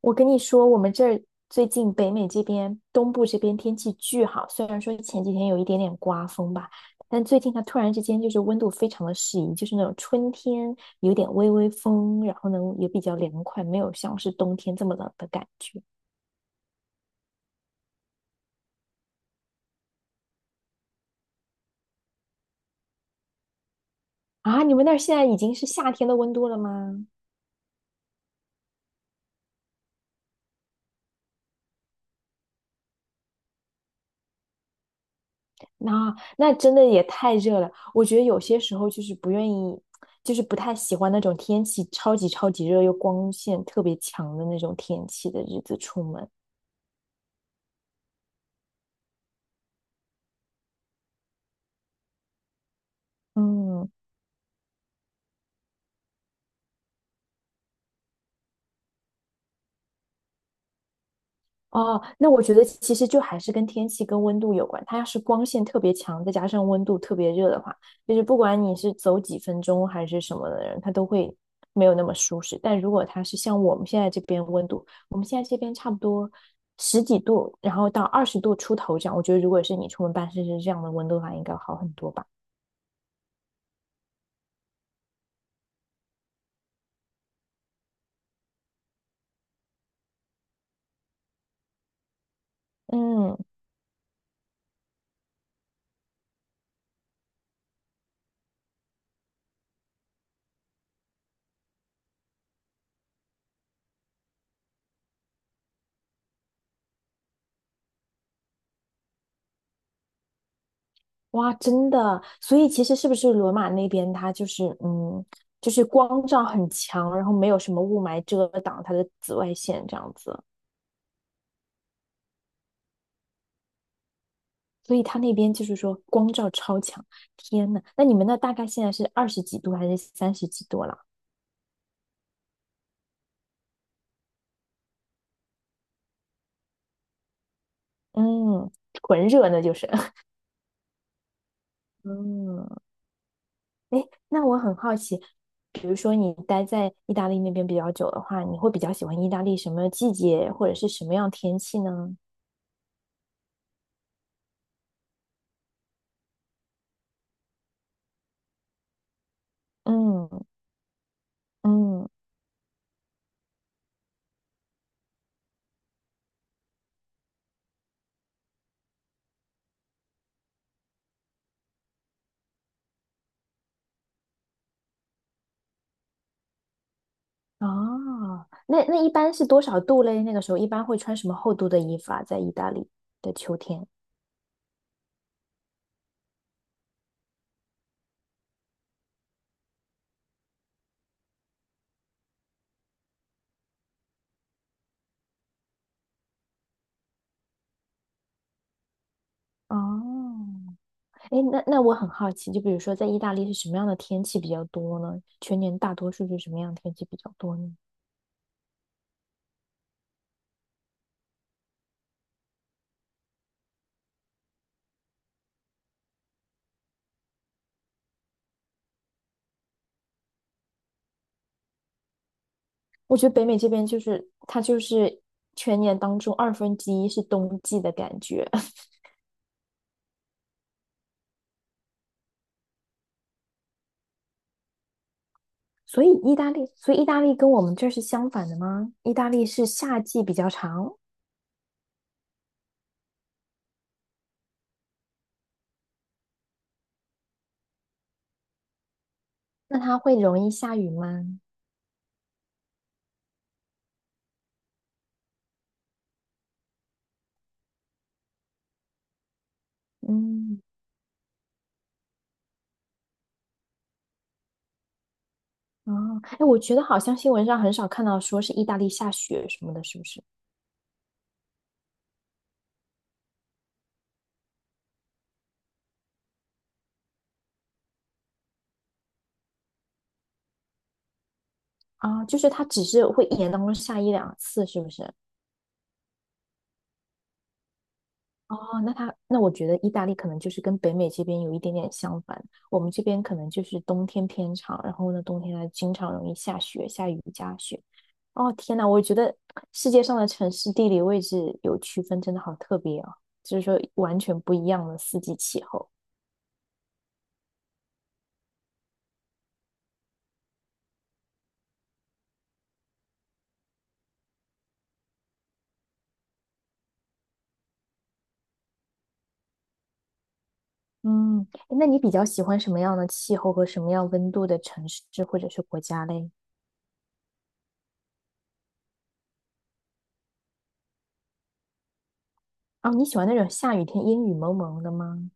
我跟你说，我们这儿最近北美这边、东部这边天气巨好，虽然说前几天有一点点刮风吧，但最近它突然之间就是温度非常的适宜，就是那种春天有点微微风，然后呢也比较凉快，没有像是冬天这么冷的感觉。啊！你们那儿现在已经是夏天的温度了吗？那真的也太热了，我觉得有些时候就是不愿意，就是不太喜欢那种天气超级超级热又光线特别强的那种天气的日子出门。嗯。哦，那我觉得其实就还是跟天气跟温度有关。它要是光线特别强，再加上温度特别热的话，就是不管你是走几分钟还是什么的人，他都会没有那么舒适。但如果它是像我们现在这边温度，我们现在这边差不多十几度，然后到20度出头这样，我觉得如果是你出门办事是这样的温度的话，应该好很多吧。嗯。哇，真的，所以其实是不是罗马那边它就是就是光照很强，然后没有什么雾霾遮挡它的紫外线这样子，所以它那边就是说光照超强。天呐，那你们那大概现在是二十几度还是三十几度了？嗯，纯热那就是。嗯。哎，那我很好奇，比如说你待在意大利那边比较久的话，你会比较喜欢意大利什么季节或者是什么样天气呢？嗯嗯。哦，那那一般是多少度嘞？那个时候一般会穿什么厚度的衣服啊？在意大利的秋天。哦。哎，那我很好奇，就比如说在意大利是什么样的天气比较多呢？全年大多数是什么样的天气比较多呢？我觉得北美这边就是它就是全年当中1/2是冬季的感觉，所以意大利跟我们这儿是相反的吗？意大利是夏季比较长，那它会容易下雨吗？嗯。哦。哎，我觉得好像新闻上很少看到说是意大利下雪什么的，是不是？啊，就是它只是会一年当中下一两次，是不是？哦，那它那我觉得意大利可能就是跟北美这边有一点点相反，我们这边可能就是冬天偏长，然后呢，冬天它经常容易下雪，下雨加雪。哦，天呐，我觉得世界上的城市地理位置有区分，真的好特别哦，就是说完全不一样的四季气候。嗯，那你比较喜欢什么样的气候和什么样温度的城市或者是国家嘞？哦，你喜欢那种下雨天阴雨蒙蒙的吗？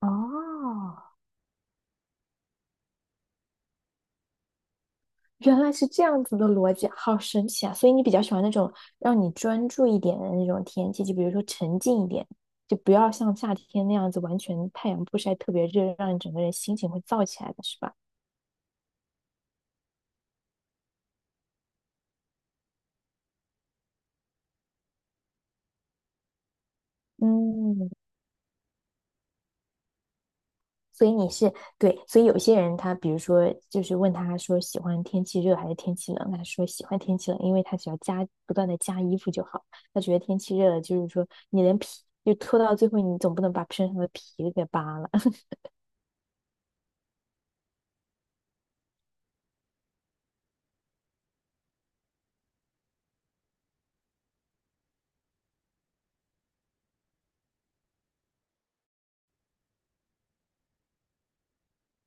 哦，原来是这样子的逻辑，好神奇啊！所以你比较喜欢那种让你专注一点的那种天气，就比如说沉静一点，就不要像夏天那样子完全太阳不晒特别热，让你整个人心情会燥起来的是吧？嗯，所以你是对，所以有些人他，比如说，就是问他说喜欢天气热还是天气冷，他说喜欢天气冷，因为他只要加不断的加衣服就好。他觉得天气热了，就是说你连皮就脱到最后，你总不能把身上的皮给扒了，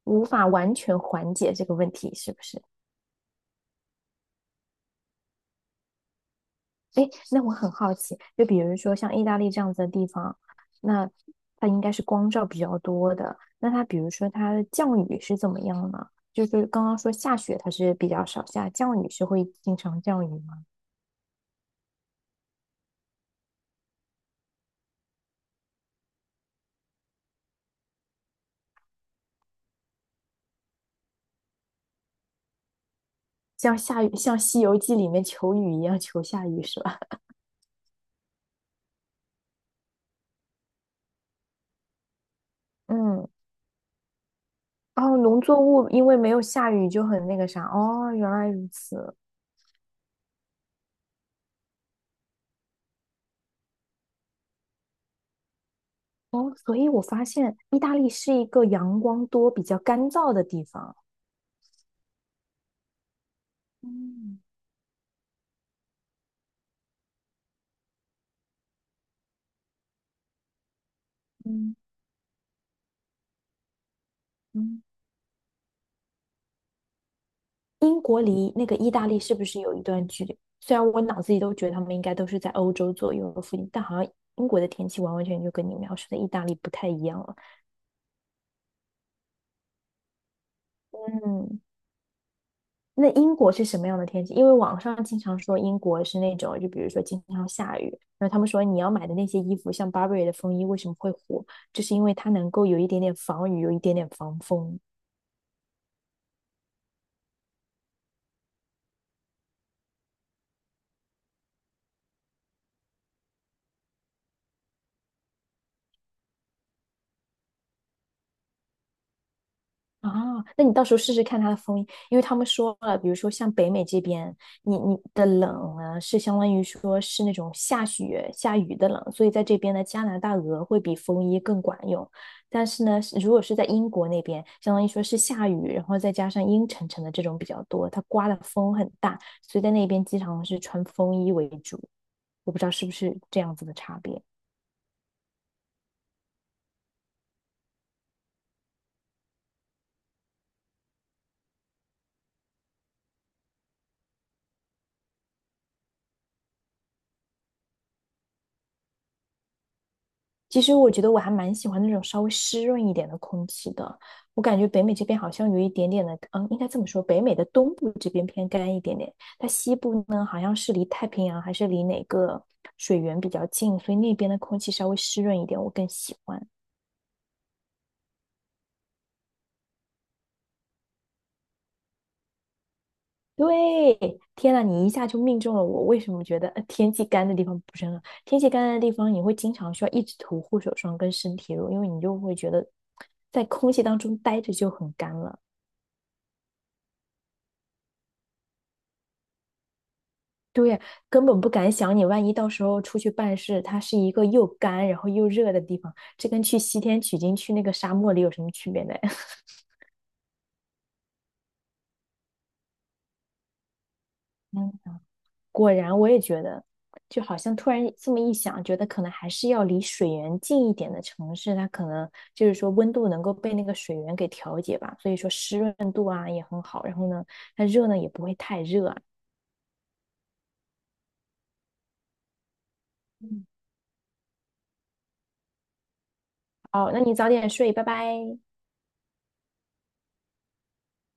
无法完全缓解这个问题，是不是？哎，那我很好奇，就比如说像意大利这样子的地方，那它应该是光照比较多的。那它比如说它的降雨是怎么样呢？就是刚刚说下雪它是比较少下，降雨是会经常降雨吗？像下雨，像《西游记》里面求雨一样求下雨是吧？嗯。哦，农作物因为没有下雨就很那个啥。哦，原来如此。哦，所以我发现意大利是一个阳光多、比较干燥的地方。嗯嗯嗯。英国离那个意大利是不是有一段距离？虽然我脑子里都觉得他们应该都是在欧洲左右的附近，但好像英国的天气完完全全就跟你描述的意大利不太一样了。嗯，那英国是什么样的天气？因为网上经常说英国是那种，就比如说经常下雨，然后他们说你要买的那些衣服，像 Burberry 的风衣为什么会火，就是因为它能够有一点点防雨，有一点点防风。啊，那你到时候试试看它的风衣，因为他们说了，比如说像北美这边，你的冷呢是相当于说是那种下雪下雨的冷，所以在这边呢，加拿大鹅会比风衣更管用。但是呢，是如果是在英国那边，相当于说是下雨，然后再加上阴沉沉的这种比较多，它刮的风很大，所以在那边经常是穿风衣为主。我不知道是不是这样子的差别。其实我觉得我还蛮喜欢那种稍微湿润一点的空气的。我感觉北美这边好像有一点点的，嗯，应该这么说，北美的东部这边偏干一点点，它西部呢好像是离太平洋还是离哪个水源比较近，所以那边的空气稍微湿润一点，我更喜欢。对，天呐，你一下就命中了我。为什么觉得天气干的地方不是很好？天气干的地方，你会经常需要一直涂护手霜跟身体乳，因为你就会觉得在空气当中待着就很干了。对，根本不敢想你，万一到时候出去办事，它是一个又干然后又热的地方，这跟去西天取经去那个沙漠里有什么区别呢？嗯，果然我也觉得，就好像突然这么一想，觉得可能还是要离水源近一点的城市，它可能就是说温度能够被那个水源给调节吧，所以说湿润度啊也很好，然后呢，它热呢也不会太热啊。嗯，好，那你早点睡，拜拜。